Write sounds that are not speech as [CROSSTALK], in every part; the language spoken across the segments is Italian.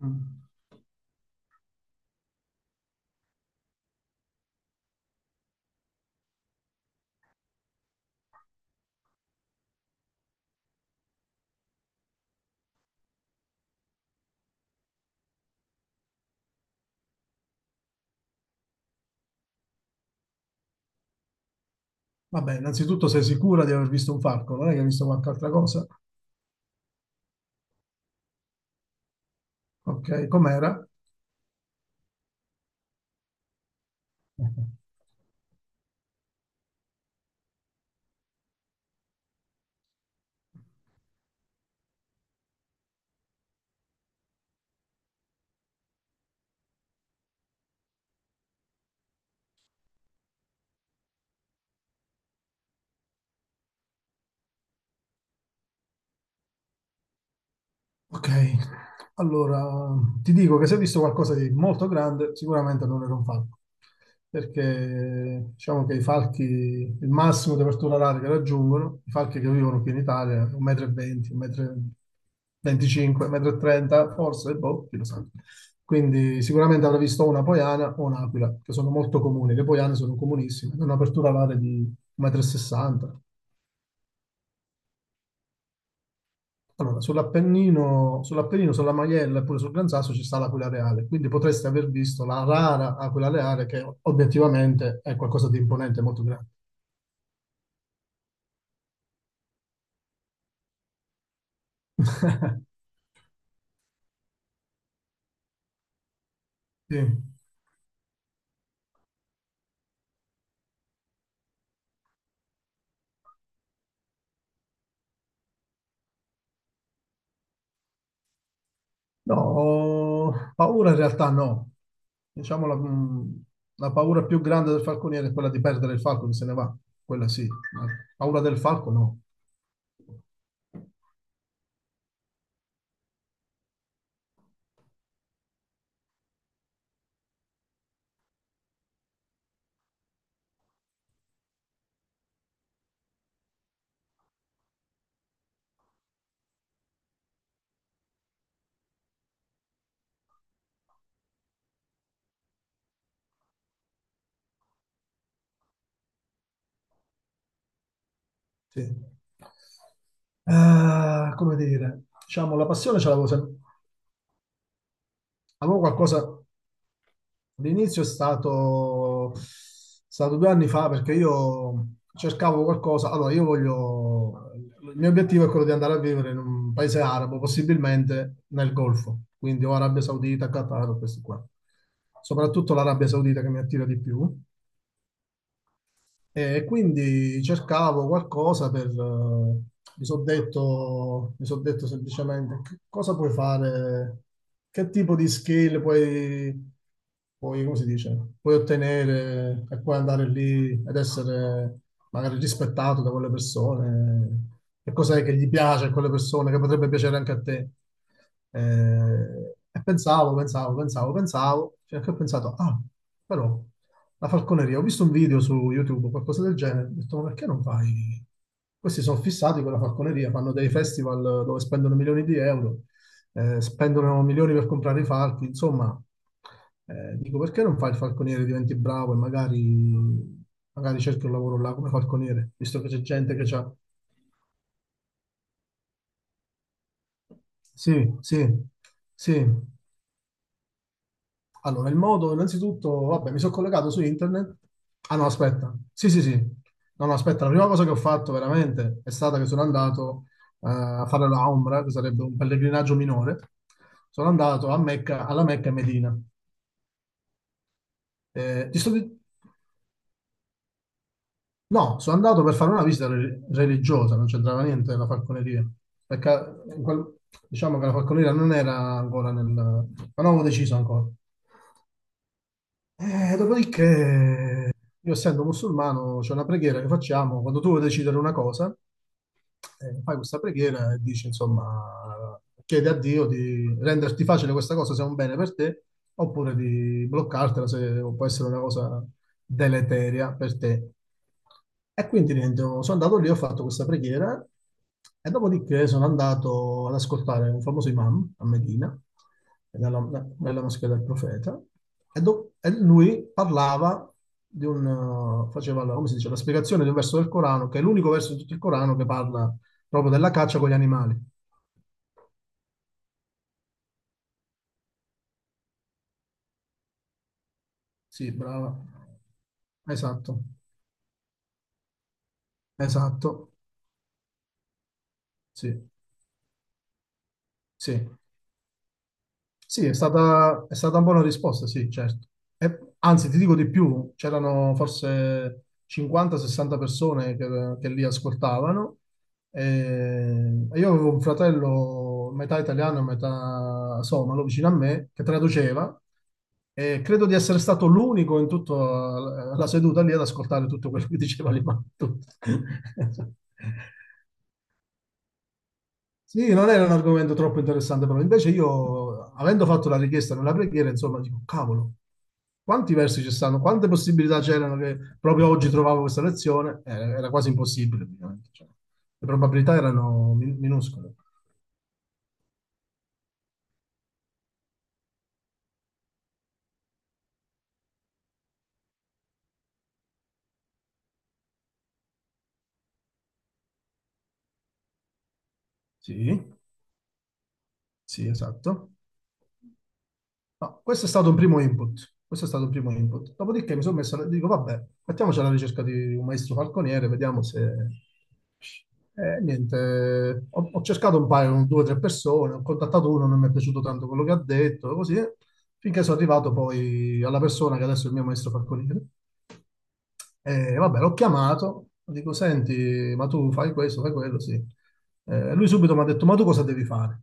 Mm. Vabbè, innanzitutto sei sicura di aver visto un falco, non è che hai visto qualche altra cosa? Ok, com'era? Ok, allora ti dico che se hai visto qualcosa di molto grande, sicuramente non era un falco, perché diciamo che i falchi, il massimo di apertura oraria che raggiungono, i falchi che vivono qui in Italia, 1,20 m, 1,25 m, 1,30 m, forse, boh, chi lo sa. Quindi sicuramente avrà visto una poiana o un'aquila, che sono molto comuni. Le poiane sono comunissime, hanno un'apertura oraria di 1,60 m. Allora, sull'Appennino, sull'Appennino, sulla Maiella e pure sul Gran Sasso ci sta l'Aquila Reale, quindi potreste aver visto la rara Aquila Reale che obiettivamente è qualcosa di imponente, molto grande. [LAUGHS] Sì. No, paura in realtà no. Diciamo la paura più grande del falconiere è quella di perdere il falco che se ne va. Quella sì, ma paura del falco no. Sì. Come dire, diciamo la passione ce l'avevo sempre. Avevo qualcosa. L'inizio è stato 2 anni fa perché io cercavo qualcosa. Allora, io voglio. Il mio obiettivo è quello di andare a vivere in un paese arabo, possibilmente nel Golfo, quindi o Arabia Saudita, Qatar, o questi qua. Soprattutto l'Arabia Saudita che mi attira di più. E quindi cercavo qualcosa per... mi son detto semplicemente che cosa puoi fare, che tipo di skill puoi, come si dice, puoi ottenere e puoi andare lì ed essere magari rispettato da quelle persone, che cos'è che gli piace a quelle persone, che potrebbe piacere anche a te. E pensavo, pensavo, pensavo, pensavo, fino a che ho pensato, ah, però la falconeria, ho visto un video su YouTube, qualcosa del genere, ho detto, ma perché non fai? Questi sono fissati con la falconeria, fanno dei festival dove spendono milioni di euro, spendono milioni per comprare i falchi, insomma, dico, perché non fai il falconiere, diventi bravo e magari, magari cerchi un lavoro là come falconiere, visto che c'è gente che c'ha... Sì, sì, sì. Allora, il modo, innanzitutto, vabbè, mi sono collegato su internet. Ah no, aspetta. Sì, sì, sì. No, no, aspetta, la prima cosa che ho fatto veramente è stata che sono andato a fare la Umra, che sarebbe un pellegrinaggio minore. Sono andato a Mecca, alla Mecca e Medina. Eh, ti sto di- No, sono andato per fare una visita religiosa, non c'entrava niente la falconeria. Perché in quel- diciamo che la falconeria non era ancora nel... Ma non avevo deciso ancora. Dopodiché, io essendo musulmano, c'è una preghiera che facciamo quando tu vuoi decidere una cosa, fai questa preghiera e dici, insomma, chiedi a Dio di renderti facile questa cosa se è un bene per te, oppure di bloccartela se può essere una cosa deleteria per te. E quindi niente, sono andato lì, ho fatto questa preghiera e dopodiché sono andato ad ascoltare un famoso imam a Medina, nella, nella moschea del profeta, e, e lui parlava faceva la, come si dice, la spiegazione di un verso del Corano, che è l'unico verso di tutto il Corano che parla proprio della caccia con gli animali. Sì, brava. Esatto, esatto. Sì, sì. Sì, è stata una buona risposta, sì, certo. E- anzi, ti dico di più, c'erano forse 50-60 persone che lì ascoltavano. E, e io avevo un fratello metà italiano e metà somalo vicino a me che traduceva e credo di essere stato l'unico in tutta la seduta lì ad ascoltare tutto quello che diceva l'imam. [LAUGHS] Tutto. Sì, non era un argomento troppo interessante, però invece io, avendo fatto la richiesta nella preghiera, insomma, dico, cavolo, quanti versi ci stanno, quante possibilità c'erano che proprio oggi trovavo questa lezione? Era quasi impossibile, praticamente. Cioè, le probabilità erano minuscole. Sì, sì, esatto. No, questo è stato un primo input. Questo è stato un primo input. Dopodiché mi sono messo, e dico, vabbè, mettiamoci alla ricerca di un maestro falconiere, vediamo se... Niente, ho cercato un paio, due o tre persone, ho contattato uno, non mi è piaciuto tanto quello che ha detto, così, finché sono arrivato poi alla persona che adesso è il mio maestro falconiere. E vabbè, l'ho chiamato, dico, senti, ma tu fai questo, fai quello, sì. Lui subito mi ha detto, ma tu cosa devi fare?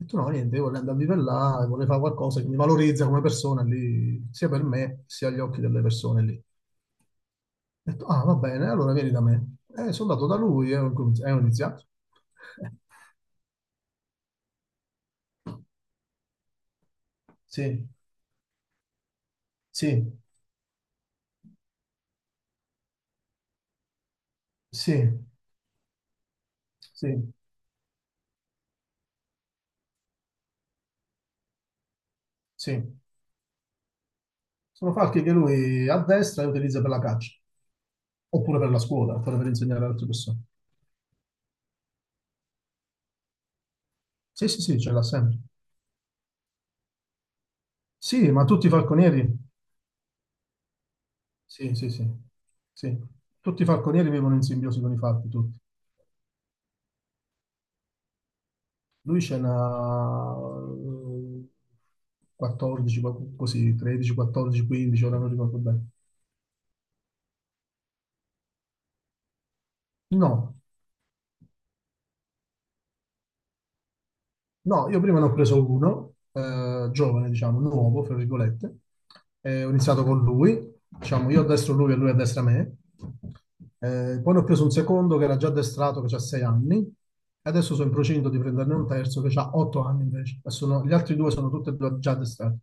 Ho detto no, niente, io voglio andare a vivere là, vorrei fare qualcosa che mi valorizza come persona lì, sia per me, sia agli occhi delle persone lì. Ho detto, ah, va bene, allora vieni da me. E sono andato da lui e ho iniziato. [LAUGHS] Sì, sì, sì, sì, sì. Sono falchi che lui addestra e utilizza per la caccia, oppure per la scuola, oppure per insegnare ad altre persone. Sì, sì, sì, ce l'ha sempre. Sì, ma tutti i falconieri, sì, sì, sì, sì. Tutti i falconieri vivono in simbiosi con i falchi, tutti. Lui ce n'ha 14, qual- così, 13, 14, 15, ora non ricordo bene. No, no, io prima ne ho preso uno, giovane, diciamo, nuovo, fra virgolette. Ho iniziato con lui, diciamo, io a destra lui e lui a destra me. Poi ne ho preso un secondo che era già addestrato, che ha 6 anni. E adesso sono in procinto di prenderne un terzo che ha 8 anni invece. Gli altri due sono tutti e due già addestrati.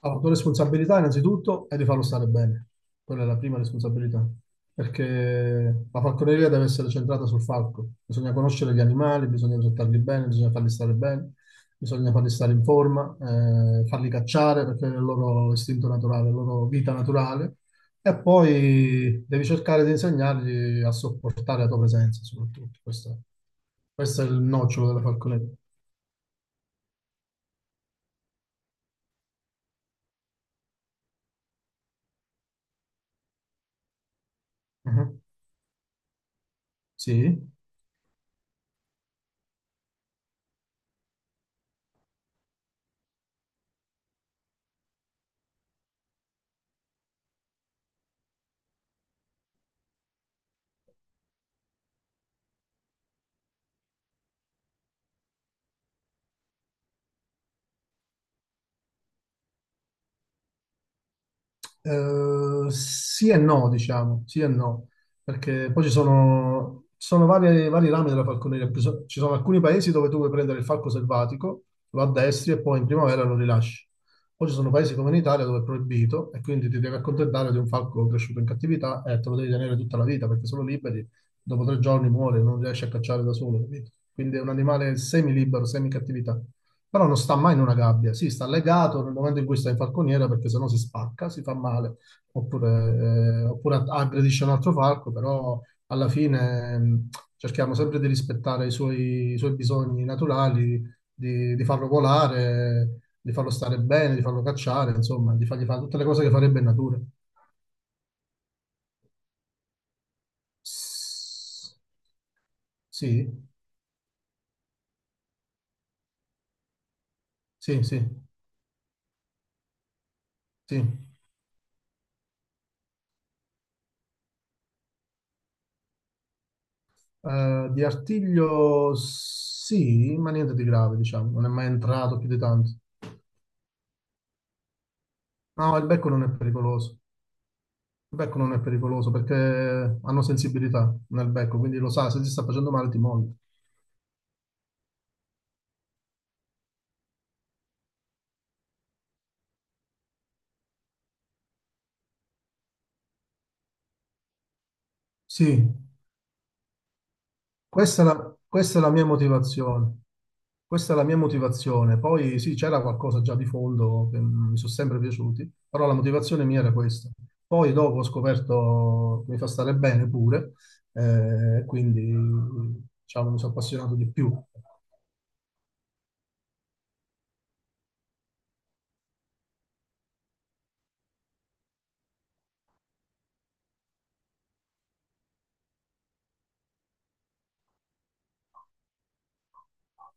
Allora, la tua responsabilità innanzitutto è di farlo stare bene, quella è la prima responsabilità, perché la falconeria deve essere centrata sul falco, bisogna conoscere gli animali, bisogna trattarli bene, bisogna farli stare bene, bisogna farli stare in forma, farli cacciare perché è il loro istinto naturale, la loro vita naturale, e poi devi cercare di insegnargli a sopportare la tua presenza soprattutto, questo è il nocciolo della falconeria. Mhm. Sì. Sì e no, diciamo, sì e no, perché poi ci sono vari rami della falconeria. Ci sono alcuni paesi dove tu puoi prendere il falco selvatico, lo addestri e poi in primavera lo rilasci. Poi ci sono paesi come in Italia dove è proibito e quindi ti devi accontentare di un falco cresciuto in cattività e te lo devi tenere tutta la vita perché sono liberi, dopo 3 giorni muore, non riesci a cacciare da solo, capito? Quindi è un animale semi-libero, semi-cattività. Però non sta mai in una gabbia, sì, sta legato nel momento in cui sta in falconiera perché sennò si spacca, si fa male, oppure aggredisce un altro falco, però alla fine cerchiamo sempre di rispettare i suoi bisogni naturali, di farlo volare, di farlo stare bene, di farlo cacciare, insomma, di fargli fare tutte le cose che farebbe in natura. S- Sì, sì, sì, sì. Di artiglio sì, ma niente di grave, diciamo, non è mai entrato più di tanto. No, il becco non è pericoloso. Il becco non è pericoloso perché hanno sensibilità nel becco, quindi lo sa, se ti sta facendo male ti muovi. Sì. Questa è la mia motivazione. Questa è la mia motivazione. Poi sì, c'era qualcosa già di fondo che mi sono sempre piaciuti, però la motivazione mia era questa. Poi dopo ho scoperto che mi fa stare bene pure, quindi diciamo mi sono appassionato di più.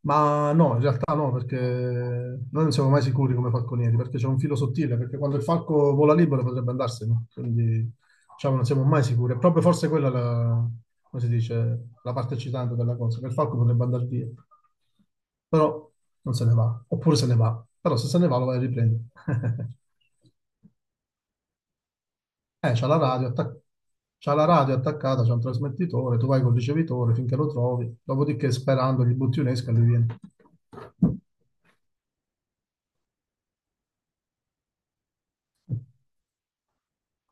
Ma no, in realtà no, perché noi non siamo mai sicuri come falconieri, perché c'è un filo sottile, perché quando il falco vola libero potrebbe andarsene, quindi diciamo non siamo mai sicuri. È proprio forse quella la, come si dice, la parte eccitante della cosa, che il falco potrebbe andare via, però non se ne va, oppure se ne va, però se se ne va lo vai a riprendere. [LAUGHS] Eh, c'ha la radio, attac- c'ha la radio attaccata, c'è un trasmettitore, tu vai col ricevitore finché lo trovi, dopodiché sperando gli butti un'esca e lui viene.